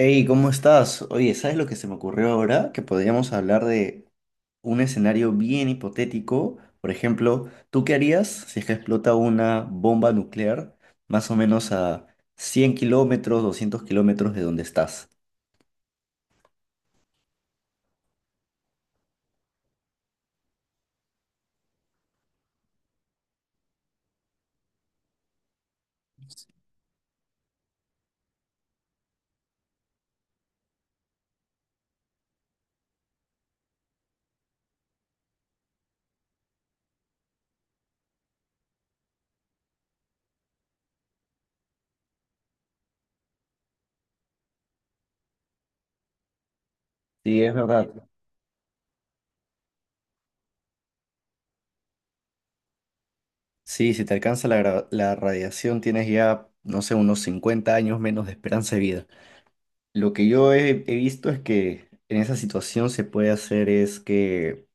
Hey, ¿cómo estás? Oye, ¿sabes lo que se me ocurrió ahora? Que podríamos hablar de un escenario bien hipotético. Por ejemplo, ¿tú qué harías si es que explota una bomba nuclear más o menos a 100 kilómetros, 200 kilómetros de donde estás? Sí, es verdad. Sí, si te alcanza la radiación tienes ya, no sé, unos 50 años menos de esperanza de vida. Lo que yo he visto es que en esa situación se puede hacer es que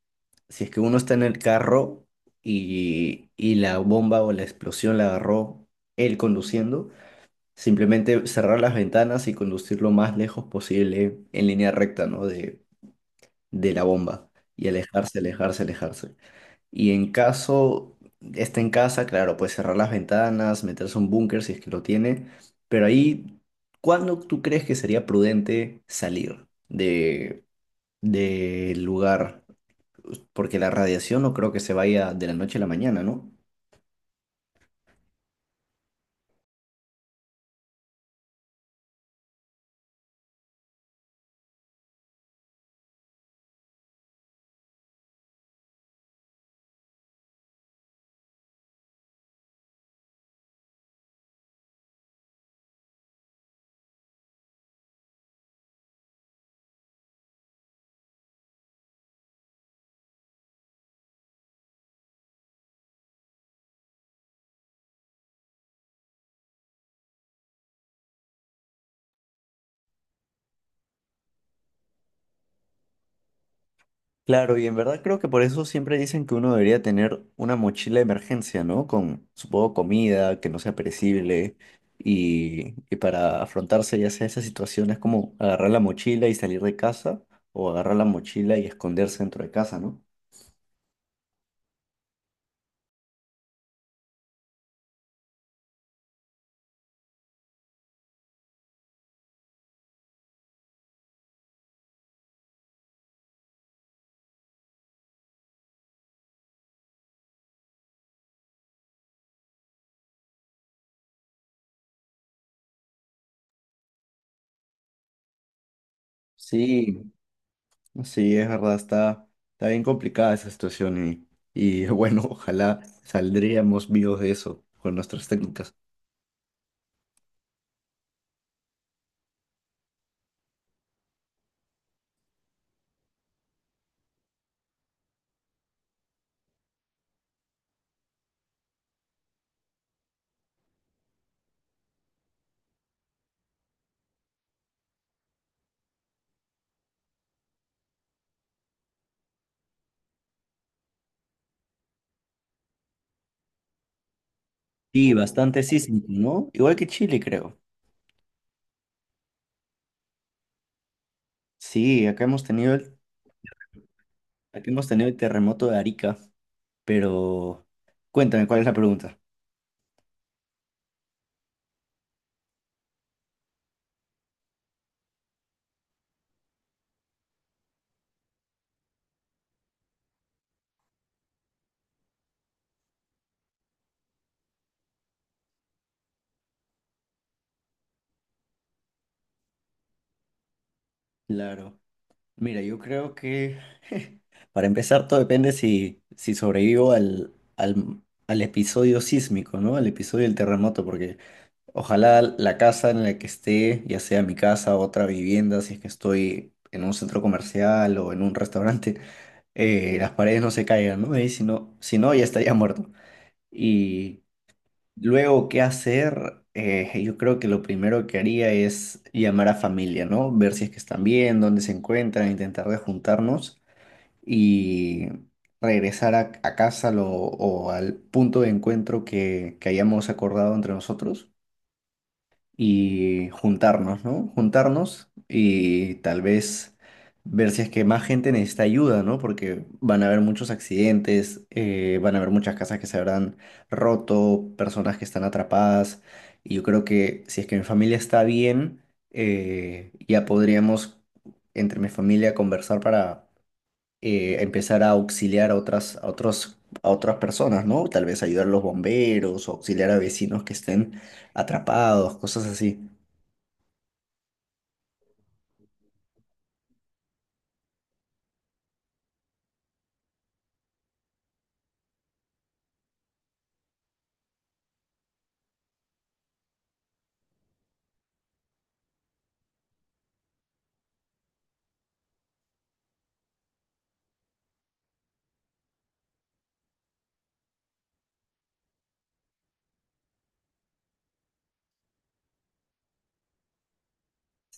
si es que uno está en el carro y la bomba o la explosión la agarró él conduciendo, simplemente cerrar las ventanas y conducir lo más lejos posible en línea recta, ¿no? De la bomba y alejarse, alejarse, alejarse. Y en caso esté en casa, claro, pues cerrar las ventanas, meterse a un búnker si es que lo tiene, pero ahí, ¿cuándo tú crees que sería prudente salir del lugar? Porque la radiación no creo que se vaya de la noche a la mañana, ¿no? Claro, y en verdad creo que por eso siempre dicen que uno debería tener una mochila de emergencia, ¿no? Con, supongo, comida que no sea perecible y para afrontarse ya sea esas situaciones como agarrar la mochila y salir de casa o agarrar la mochila y esconderse dentro de casa, ¿no? Sí, sí, es verdad, está, está bien complicada esa situación y bueno, ojalá saldríamos vivos de eso con nuestras técnicas. Sí, bastante sísmico, ¿no? Igual que Chile, creo. Sí, acá hemos tenido el, aquí hemos tenido el terremoto de Arica, pero cuéntame, ¿cuál es la pregunta? Claro. Mira, yo creo que para empezar todo depende si sobrevivo al episodio sísmico, ¿no? Al episodio del terremoto, porque ojalá la casa en la que esté, ya sea mi casa o otra vivienda, si es que estoy en un centro comercial o en un restaurante, las paredes no se caigan, ¿no? Y si no, si no, ya estaría muerto. Y luego, ¿qué hacer? Yo creo que lo primero que haría es llamar a familia, ¿no? Ver si es que están bien, dónde se encuentran, intentar de juntarnos y regresar a casa lo- o al punto de encuentro que hayamos acordado entre nosotros y juntarnos, ¿no? Juntarnos y tal vez ver si es que más gente necesita ayuda, ¿no? Porque van a haber muchos accidentes, van a haber muchas casas que se habrán roto, personas que están atrapadas. Y yo creo que si es que mi familia está bien, ya podríamos entre mi familia conversar para empezar a auxiliar a otras, a otros, a otras personas, ¿no? Tal vez ayudar a los bomberos o auxiliar a vecinos que estén atrapados, cosas así.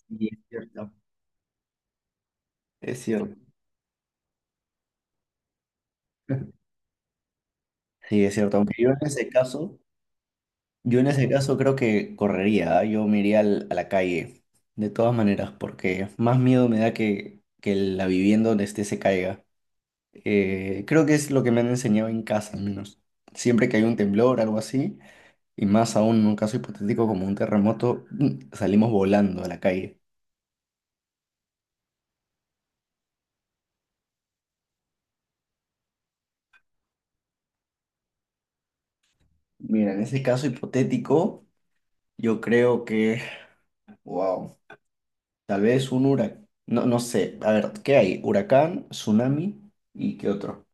Y es cierto, es cierto. Sí, es cierto. Aunque yo en ese caso, yo en ese caso creo que correría, ¿ah? Yo me iría al- a la calle, de todas maneras, porque más miedo me da que la vivienda donde esté se caiga. Creo que es lo que me han enseñado en casa, al menos. Siempre que hay un temblor, algo así, y más aún en un caso hipotético como un terremoto, mm, salimos volando a la calle. Mira, en ese caso hipotético, yo creo que, wow. Tal vez un huracán. No, no sé. A ver, ¿qué hay? Huracán, tsunami y qué otro.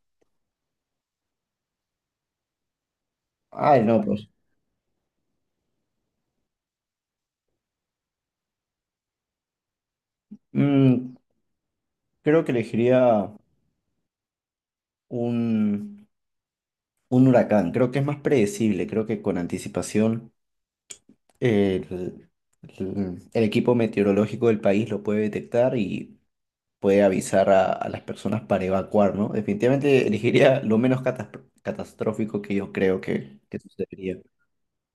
Ay, no, pues. mm, creo que elegiría un, un huracán. Creo que es más predecible. Creo que con anticipación el, el equipo meteorológico del país lo puede detectar y puede avisar a las personas para evacuar, ¿no? Definitivamente elegiría lo menos catastrófico que yo creo que sucedería.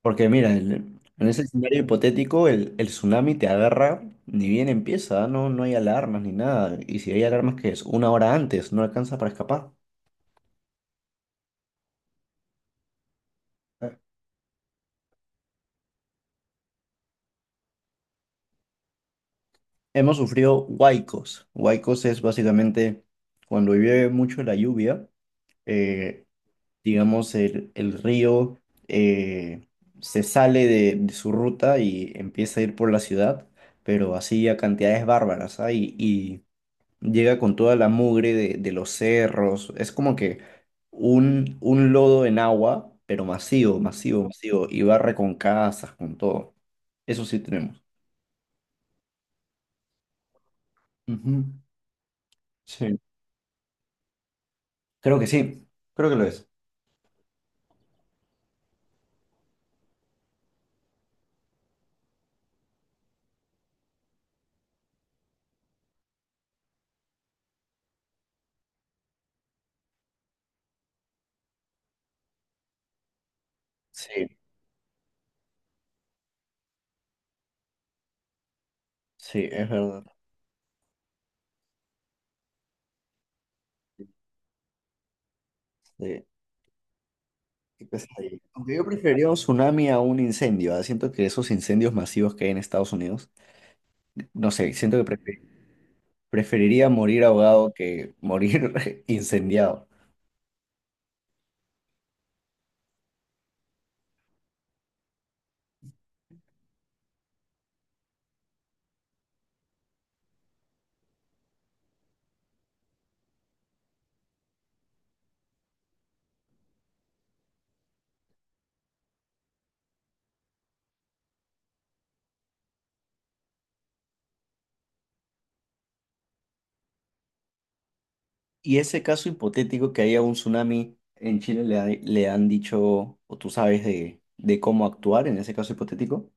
Porque mira, el- en ese escenario hipotético, el tsunami te agarra, ni bien empieza, no, no hay alarmas ni nada. Y si hay alarmas, que es? Una hora antes, no alcanza para escapar. Eh, Hemos sufrido huaicos. Huaicos es básicamente cuando llueve mucho la lluvia, eh, digamos, el río eh, se sale de su ruta y empieza a ir por la ciudad, pero así a cantidades bárbaras, ¿ah? Y llega con toda la mugre de los cerros. Es como que un lodo en agua, pero masivo, masivo, masivo. Y barre con casas, con todo. Eso sí tenemos. Ujú, sí, creo que sí, creo que lo es. Sí, sí, es verdad. Este, qué pesadilla. Aunque yo preferiría un tsunami a un incendio, ¿ah? Siento que esos incendios masivos que hay en Estados Unidos, no sé, siento que preferiría morir ahogado que morir incendiado. Y ese caso hipotético que haya un tsunami en Chile, ¿le han dicho, o tú sabes de cómo actuar en ese caso hipotético?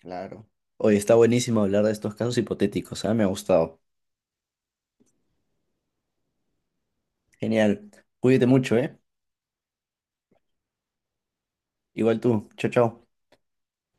Claro. Oye, está buenísimo hablar de estos casos hipotéticos, ¿ah? Me ha gustado. Genial. Cuídate mucho, ¿eh? Igual tú. Chao, chao.